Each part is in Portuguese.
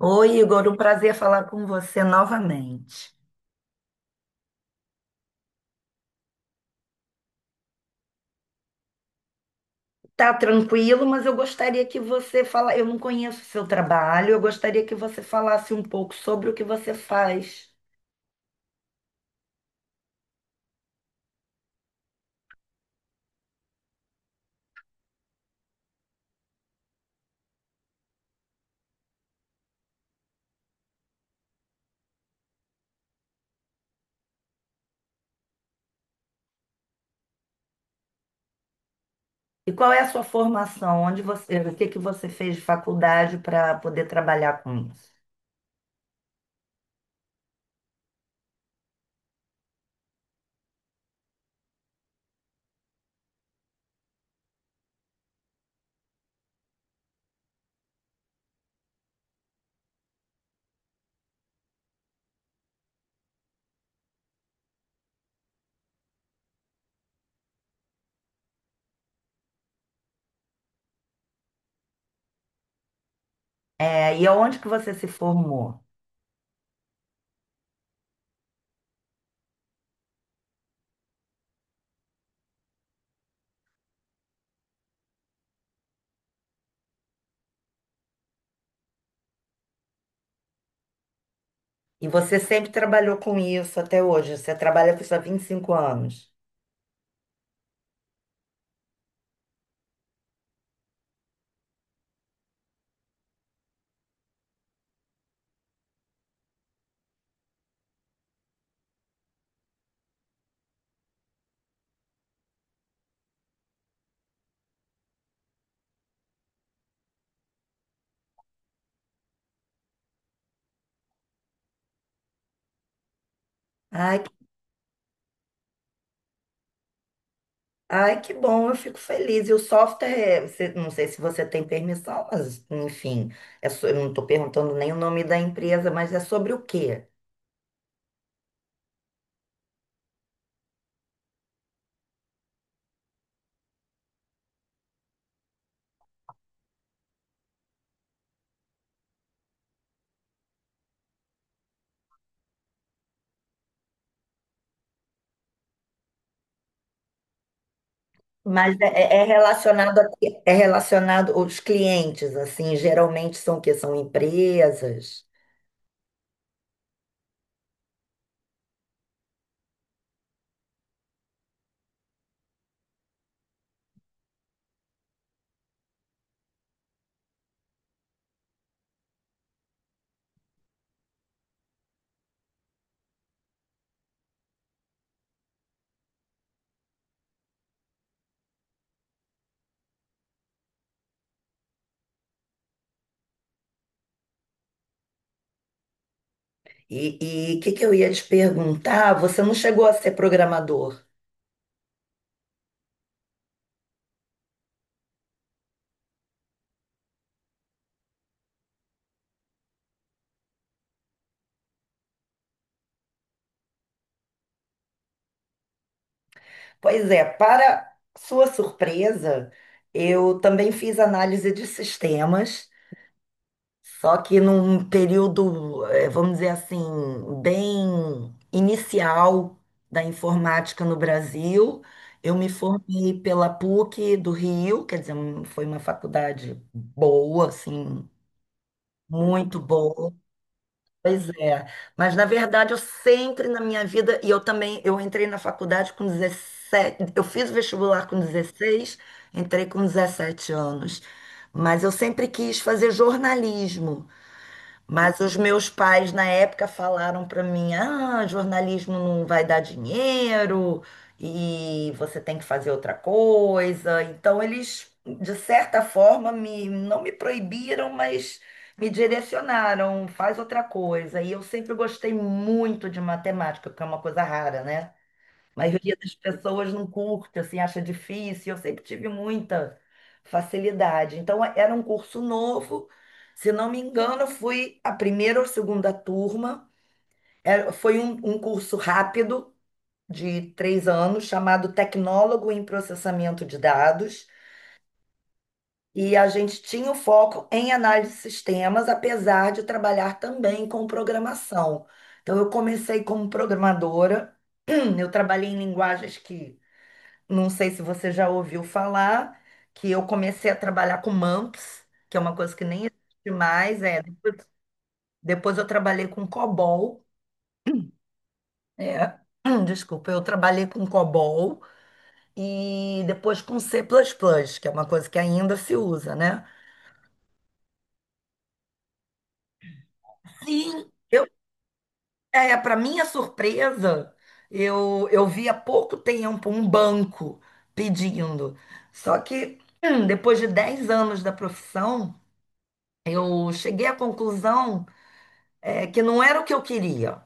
Oi, Igor, um prazer falar com você novamente. Tá tranquilo, mas eu gostaria que você fala. Eu não conheço o seu trabalho, eu gostaria que você falasse um pouco sobre o que você faz. E qual é a sua formação? Onde você, o que que você fez de faculdade para poder trabalhar com isso? É, e aonde que você se formou? E você sempre trabalhou com isso até hoje? Você trabalha com isso há 25 anos. Ai, Ai, que bom, eu fico feliz. E o software, não sei se você tem permissão, mas enfim, eu não estou perguntando nem o nome da empresa, mas é sobre o quê? Mas é, é relacionado a, quê? É relacionado os clientes, assim, geralmente são o quê? São empresas. E o que, que eu ia te perguntar? Você não chegou a ser programador. Pois é, para sua surpresa, eu também fiz análise de sistemas. Só que num período, vamos dizer assim, bem inicial da informática no Brasil, eu me formei pela PUC do Rio, quer dizer, foi uma faculdade boa, assim, muito boa. Pois é. Mas, na verdade, eu sempre na minha vida, e eu também, eu entrei na faculdade com 17, eu fiz o vestibular com 16, entrei com 17 anos. Mas eu sempre quis fazer jornalismo. Mas os meus pais na época falaram para mim: ah, jornalismo não vai dar dinheiro e você tem que fazer outra coisa. Então eles, de certa forma, me, não me proibiram, mas me direcionaram, faz outra coisa. E eu sempre gostei muito de matemática, porque é uma coisa rara, né? A maioria das pessoas não curte, assim, acha difícil. Eu sempre tive muita facilidade. Então, é, era um curso novo. Se não me engano, eu fui a primeira ou segunda turma. Foi um curso rápido, de três anos, chamado Tecnólogo em Processamento de Dados. E a gente tinha o foco em análise de sistemas, apesar de trabalhar também com programação. Então, eu comecei como programadora. Eu trabalhei em linguagens que não sei se você já ouviu falar que eu comecei a trabalhar com mumps, que é uma coisa que nem existe mais. É. Depois, eu trabalhei com COBOL. É. Desculpa, eu trabalhei com COBOL e depois com C++, plus plus, que é uma coisa que ainda se usa, né? Sim, eu, é, para minha surpresa, eu vi há pouco tempo um banco pedindo. Só que depois de 10 anos da profissão, eu cheguei à conclusão é, que não era o que eu queria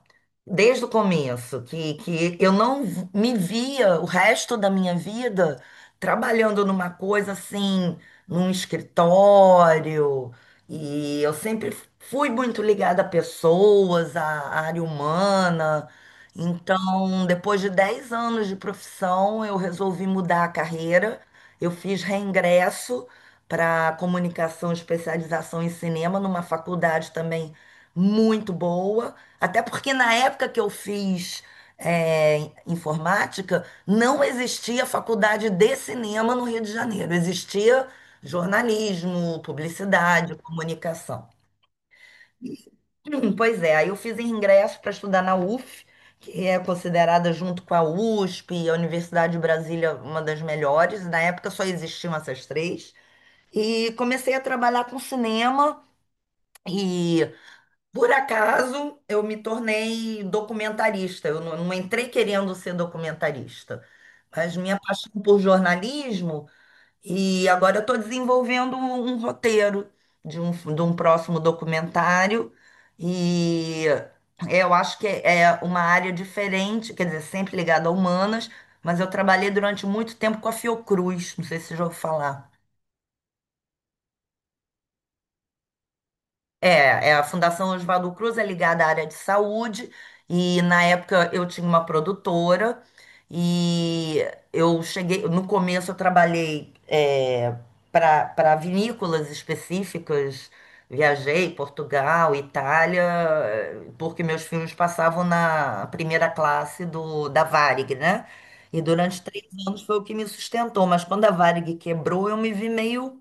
desde o começo, que, eu não v- me via o resto da minha vida trabalhando numa coisa assim, num escritório, e eu sempre fui muito ligada a pessoas, à área humana. Então, depois de 10 anos de profissão, eu resolvi mudar a carreira. Eu fiz reingresso para comunicação, especialização em cinema, numa faculdade também muito boa, até porque na época que eu fiz informática, não existia faculdade de cinema no Rio de Janeiro, existia jornalismo, publicidade, comunicação. Pois é, aí eu fiz ingresso para estudar na UF, que é considerada junto com a USP, a Universidade de Brasília, uma das melhores. Na época só existiam essas três. E comecei a trabalhar com cinema. E por acaso, eu me tornei documentarista. Eu não entrei querendo ser documentarista, mas minha paixão por jornalismo, e agora eu estou desenvolvendo um roteiro de de um próximo documentário, e eu acho que é uma área diferente, quer dizer, sempre ligada a humanas, mas eu trabalhei durante muito tempo com a Fiocruz, não sei se você já ouviu falar. É, a Fundação Oswaldo Cruz é ligada à área de saúde e na época eu tinha uma produtora e eu cheguei, no começo eu trabalhei para vinícolas específicas, viajei Portugal, Itália, porque meus filmes passavam na primeira classe do da Varig, né? E durante três anos foi o que me sustentou, mas quando a Varig quebrou eu me vi meio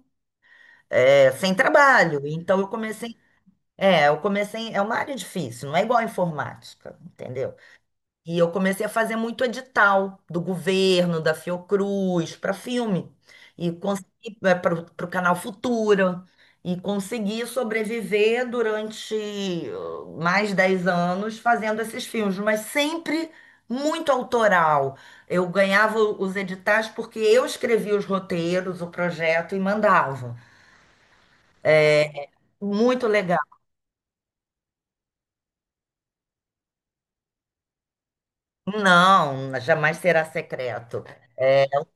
é, sem trabalho, então eu comecei. É uma área difícil, não é igual a informática, entendeu? E eu comecei a fazer muito edital do governo, da Fiocruz, para filme. E consegui para o canal Futura. E consegui sobreviver durante mais 10 anos fazendo esses filmes, mas sempre muito autoral. Eu ganhava os editais porque eu escrevia os roteiros, o projeto e mandava. Muito legal. Não, jamais será secreto.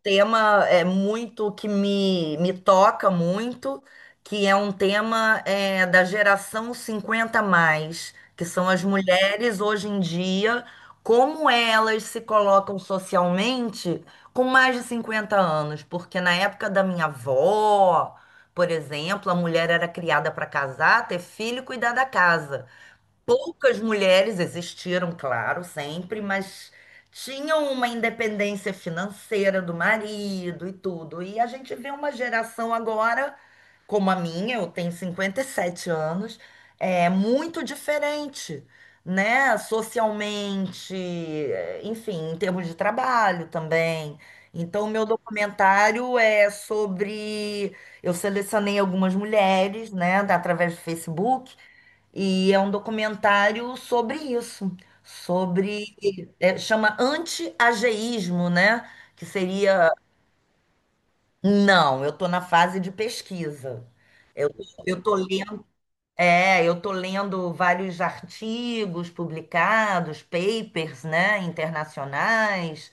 Tema é muito que me toca muito, que é um tema é, da geração 50 mais, que são as mulheres hoje em dia, como elas se colocam socialmente com mais de 50 anos, porque na época da minha avó, por exemplo, a mulher era criada para casar, ter filho e cuidar da casa. Poucas mulheres existiram, claro, sempre, mas tinham uma independência financeira do marido e tudo. E a gente vê uma geração agora, como a minha, eu tenho 57 anos, é muito diferente, né? Socialmente, enfim, em termos de trabalho também. Então, o meu documentário é sobre. Eu selecionei algumas mulheres, né, através do Facebook e é um documentário sobre isso, sobre, é, chama anti-ageísmo, né? Que seria, não, eu estou na fase de pesquisa. Eu, eu tô lendo é, eu tô lendo vários artigos publicados, papers, né, internacionais,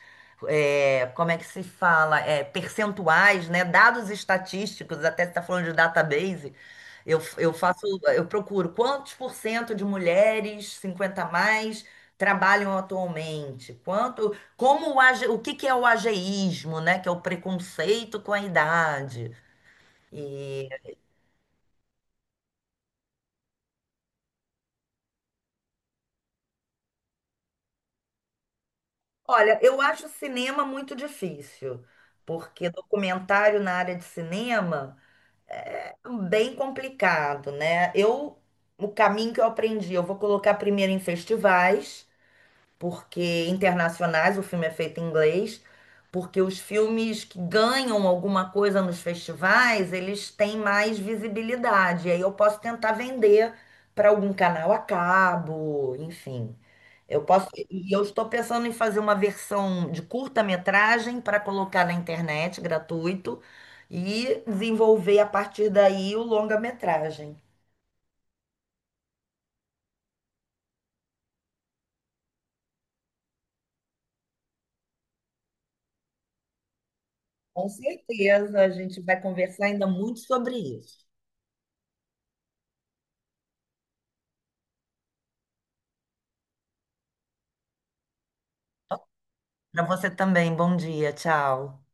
é, como é que se fala? É, percentuais, né, dados estatísticos, até você está falando de database. Eu faço, eu procuro quantos por cento de mulheres 50 a mais trabalham atualmente? Quanto, o que que é o ageísmo, né, que é o preconceito com a idade. Olha, eu acho cinema muito difícil, porque documentário na área de cinema é um bem complicado, né? Eu, o caminho que eu aprendi, eu vou colocar primeiro em festivais porque internacionais, o filme é feito em inglês, porque os filmes que ganham alguma coisa nos festivais, eles têm mais visibilidade. Aí eu posso tentar vender para algum canal a cabo, enfim. Eu posso, e eu estou pensando em fazer uma versão de curta-metragem para colocar na internet, gratuito, e desenvolver a partir daí o longa-metragem. Com certeza, a gente vai conversar ainda muito sobre isso. Para você também, bom dia, tchau.